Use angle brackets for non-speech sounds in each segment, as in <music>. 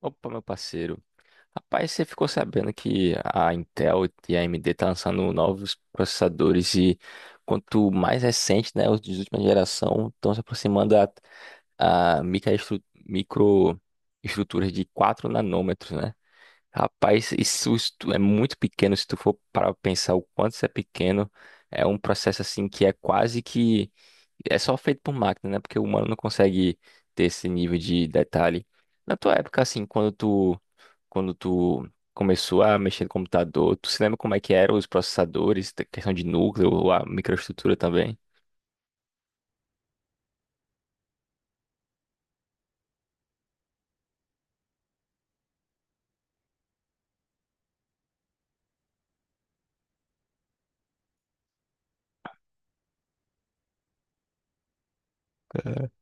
Opa, meu parceiro. Rapaz, você ficou sabendo que a Intel e a AMD tá lançando novos processadores e quanto mais recente, né, os de última geração estão se aproximando a microestruturas de 4 nanômetros, né? Rapaz, isso se tu- é muito pequeno se tu for para pensar o quanto isso é pequeno. É um processo assim que é quase que é só feito por máquina, né? Porque o humano não consegue ter esse nível de detalhe. Na tua época, assim, quando tu começou a mexer no computador, tu se lembra como é que eram os processadores, questão de núcleo, a microestrutura também? É,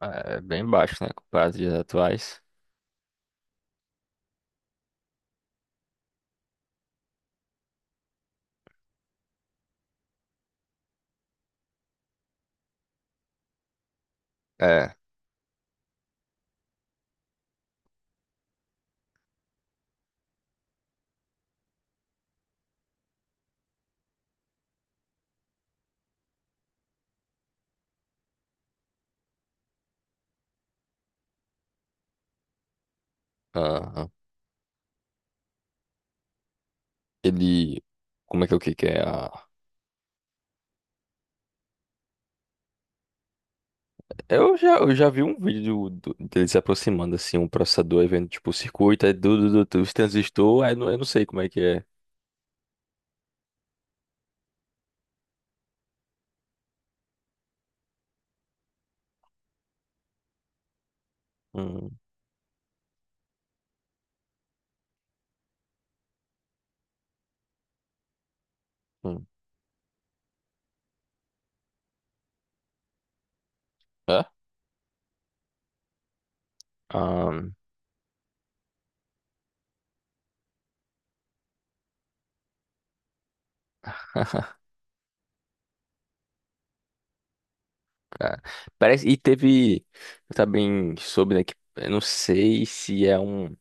é bem baixo, né, comparado aos atuais. É, aham. Ele, como é que é o que é a... eu já vi um vídeo do dele se aproximando, assim, um processador, aí vendo, tipo, o circuito, aí, du, du, du, du, os transistores, aí, eu não sei como é que é. Hum, hum. É? Ah, parece, e teve, eu também soube, né, que eu não sei se é um,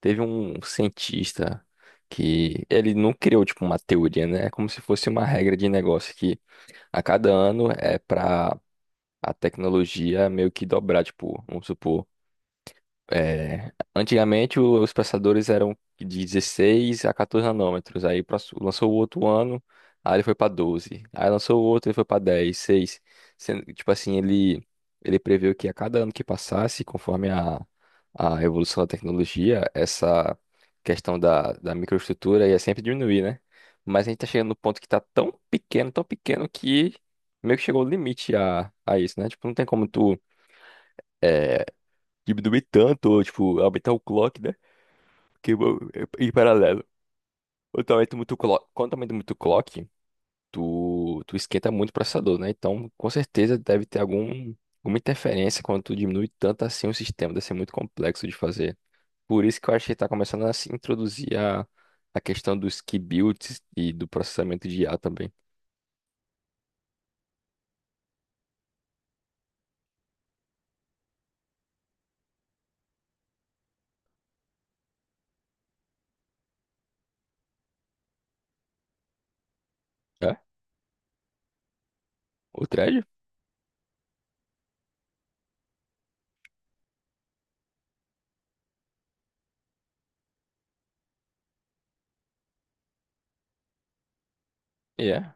teve um cientista que ele não criou, tipo, uma teoria, né, é como se fosse uma regra de negócio que a cada ano é para a tecnologia meio que dobrar, tipo, vamos supor, é, antigamente os passadores eram de 16 a 14 nanômetros. Lançou o outro ano, aí ele foi para 12. Aí lançou o outro, ele foi para 10, 6. Sendo que, tipo assim, ele previu que a cada ano que passasse, conforme a evolução da tecnologia, essa questão da microestrutura ia sempre diminuir, né? Mas a gente tá chegando no ponto que tá tão pequeno que meio que chegou o limite a isso, né? Tipo, não tem como tu diminuir tanto, ou, tipo, aumentar o clock, né? Que bo- Em paralelo. Quando aumenta muito o clock, tu esquenta muito o processador, né? Então, com certeza deve ter algum, alguma interferência quando tu diminui tanto assim o sistema, deve ser muito complexo de fazer. Por isso que eu acho que tá começando a se introduzir a questão dos key builds e do processamento de IA também. É? O thread? É.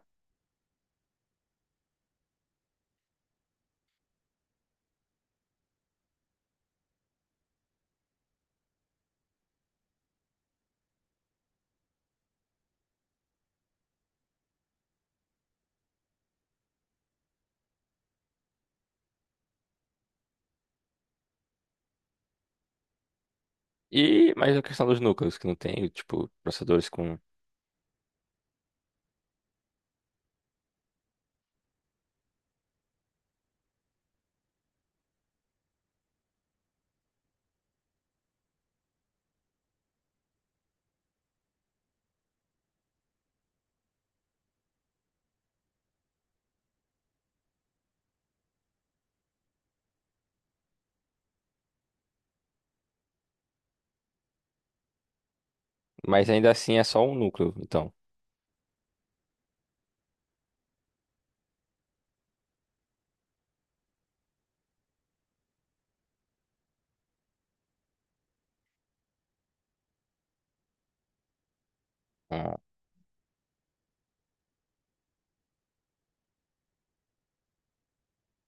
E mais a questão dos núcleos, que não tem, tipo, processadores com. Mas ainda assim é só um núcleo, então. Ah,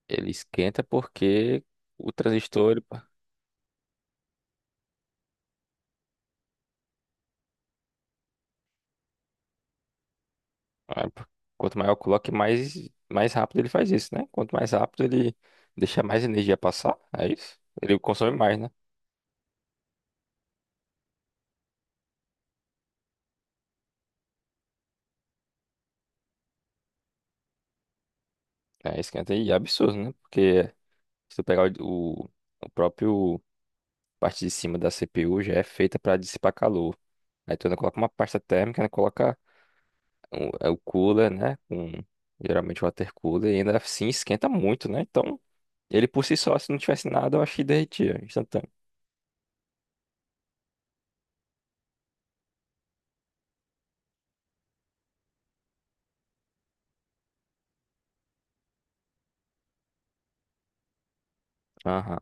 ele esquenta porque o transistor. Ah, quanto maior o clock, mais, mais rápido ele faz isso, né? Quanto mais rápido ele deixa mais energia passar, é isso? Ele consome mais, né? É, esquenta e é absurdo, né? Porque se tu pegar o próprio parte de cima da CPU já é feita para dissipar calor. Aí tu ainda coloca uma pasta térmica, ainda coloca o, é o cooler, né? Com, geralmente o water cooler, e ainda assim esquenta muito, né? Então, ele por si só, se não tivesse nada, eu acho que derretia instantâneo. Aham.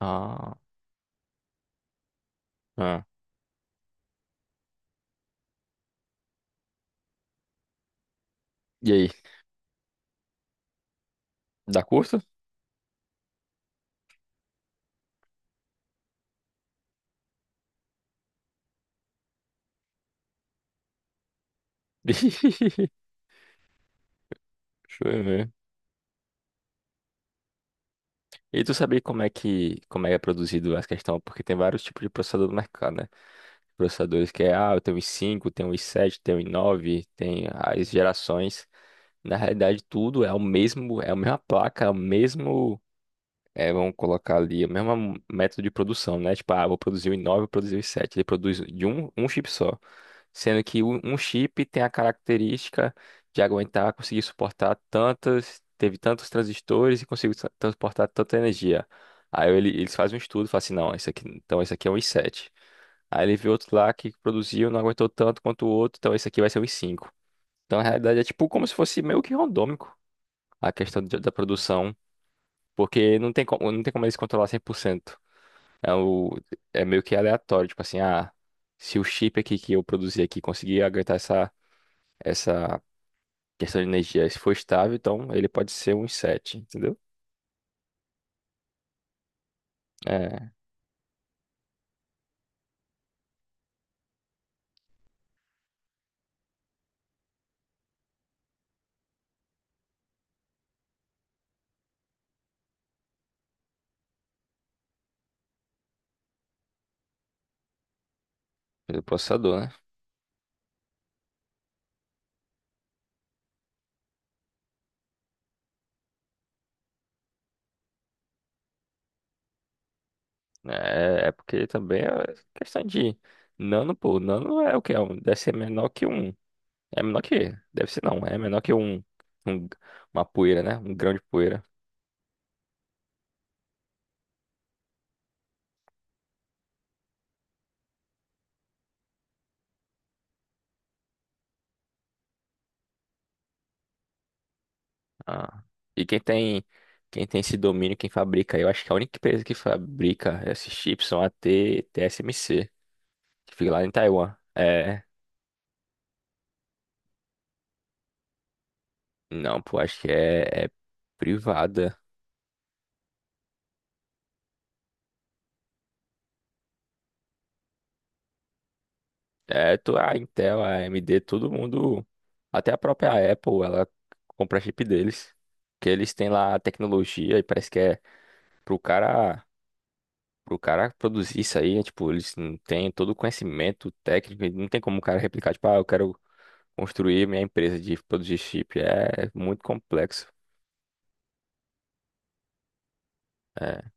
Ah, ah. E aí, dá curto? <laughs> Show, né? E tu sabia como é que como é produzido essa questão? Porque tem vários tipos de processador no mercado, né? Processadores que é, ah, eu tenho i5, tenho i7, tenho i9, tem as gerações. Na realidade, tudo é o mesmo, é a mesma placa, é o mesmo. É, vamos colocar ali o mesmo método de produção, né? Tipo, ah, vou produzir o i9, vou produzir o i7. Ele produz de um, um chip só. Sendo que um chip tem a característica de aguentar, conseguir suportar tantas, teve tantos transistores e conseguiu transportar tanta energia. Eles fazem um estudo, falam assim, não, esse aqui, então esse aqui é um i7. Aí ele viu outro lá que produziu, não aguentou tanto quanto o outro, então esse aqui vai ser um i5. Então, na realidade, é tipo como se fosse meio que randômico a questão da produção. Porque não tem como, não tem como eles controlar 100%. É, o, é meio que aleatório, tipo assim, ah, se o chip aqui que eu produzi aqui conseguir aguentar essa, essa questão de energia, se for estável, então ele pode ser um i7, entendeu? É, do processador, né? É, é porque também é questão de nano, pô, nano é o que? Deve ser menor que um, é menor que, deve ser não, é menor que um, um- uma poeira, né? Um grão de poeira. Ah. E quem tem esse domínio, quem fabrica, eu acho que a única empresa que fabrica esses chips são a TSMC, que fica lá em Taiwan. É, não, pô, acho que é, é privada. É, tu, a Intel, a AMD, todo mundo, até a própria Apple, ela compra chip deles, que eles têm lá a tecnologia e parece que é pro cara, pro cara produzir isso aí, é, tipo, eles não têm todo o conhecimento técnico, e não tem como o cara replicar, tipo, ah, eu quero construir minha empresa de produzir chip é muito complexo. É.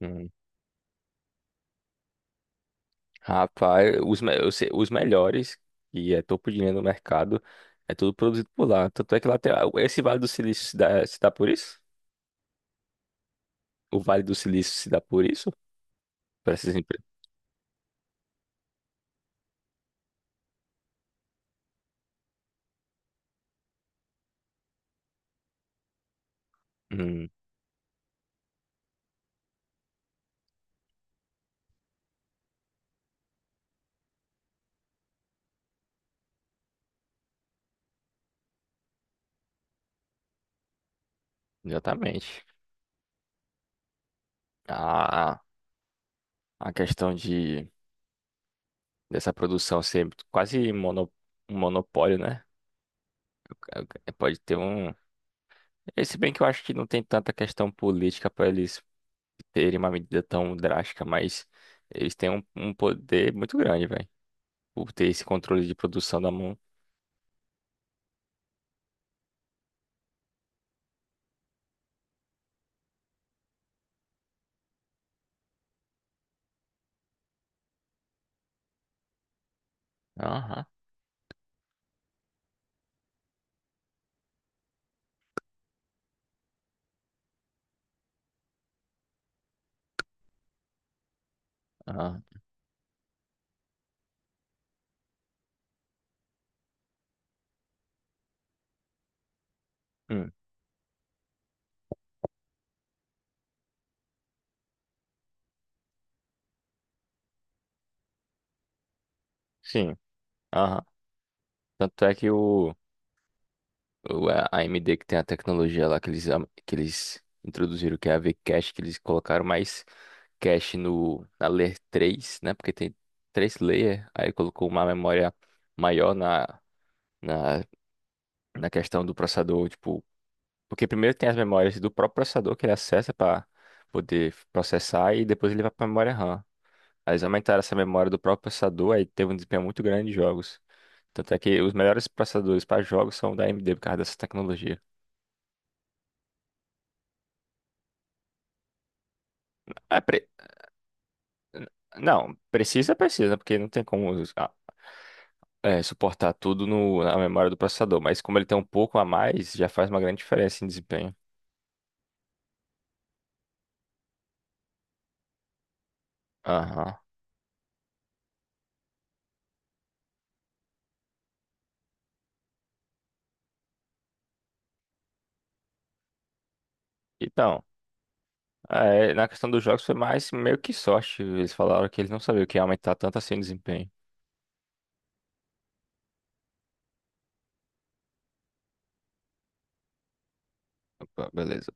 Hum. Rapaz, os, me- eu sei- os melhores, que é topo de linha do mercado, é tudo produzido por lá. Tanto é que lá tem, esse Vale do Silício se dá por isso? O Vale do Silício se dá por isso? Para essas empresas? Hum, exatamente. A, a questão de, dessa produção ser quase mono, um monopólio, né? É, é, pode ter um. Se bem que eu acho que não tem tanta questão política para eles terem uma medida tão drástica, mas eles têm um, um poder muito grande, velho, por ter esse controle de produção da mão. Aham, aham. Hum, sim, aham. Tanto é que o a AMD que tem a tecnologia lá que eles, que eles introduziram, que é a V-Cache, que eles colocaram mais cache no, na Layer 3, né? Porque tem três layer, aí colocou uma memória maior na, na questão do processador, tipo. Porque primeiro tem as memórias do próprio processador que ele acessa para poder processar e depois ele vai para a memória RAM. Aí eles aumentaram essa memória do próprio processador, aí teve um desempenho muito grande de jogos. Tanto é que os melhores processadores para jogos são da AMD por causa dessa tecnologia. É, não, precisa, precisa, né? Porque não tem como, ah, é, suportar tudo na memória do processador. Mas como ele tem um pouco a mais, já faz uma grande diferença em desempenho. Aham. Então. Ah, é, na questão dos jogos foi mais meio que sorte. Eles falaram que eles não sabiam que ia aumentar tanto assim o desempenho. Opa, beleza.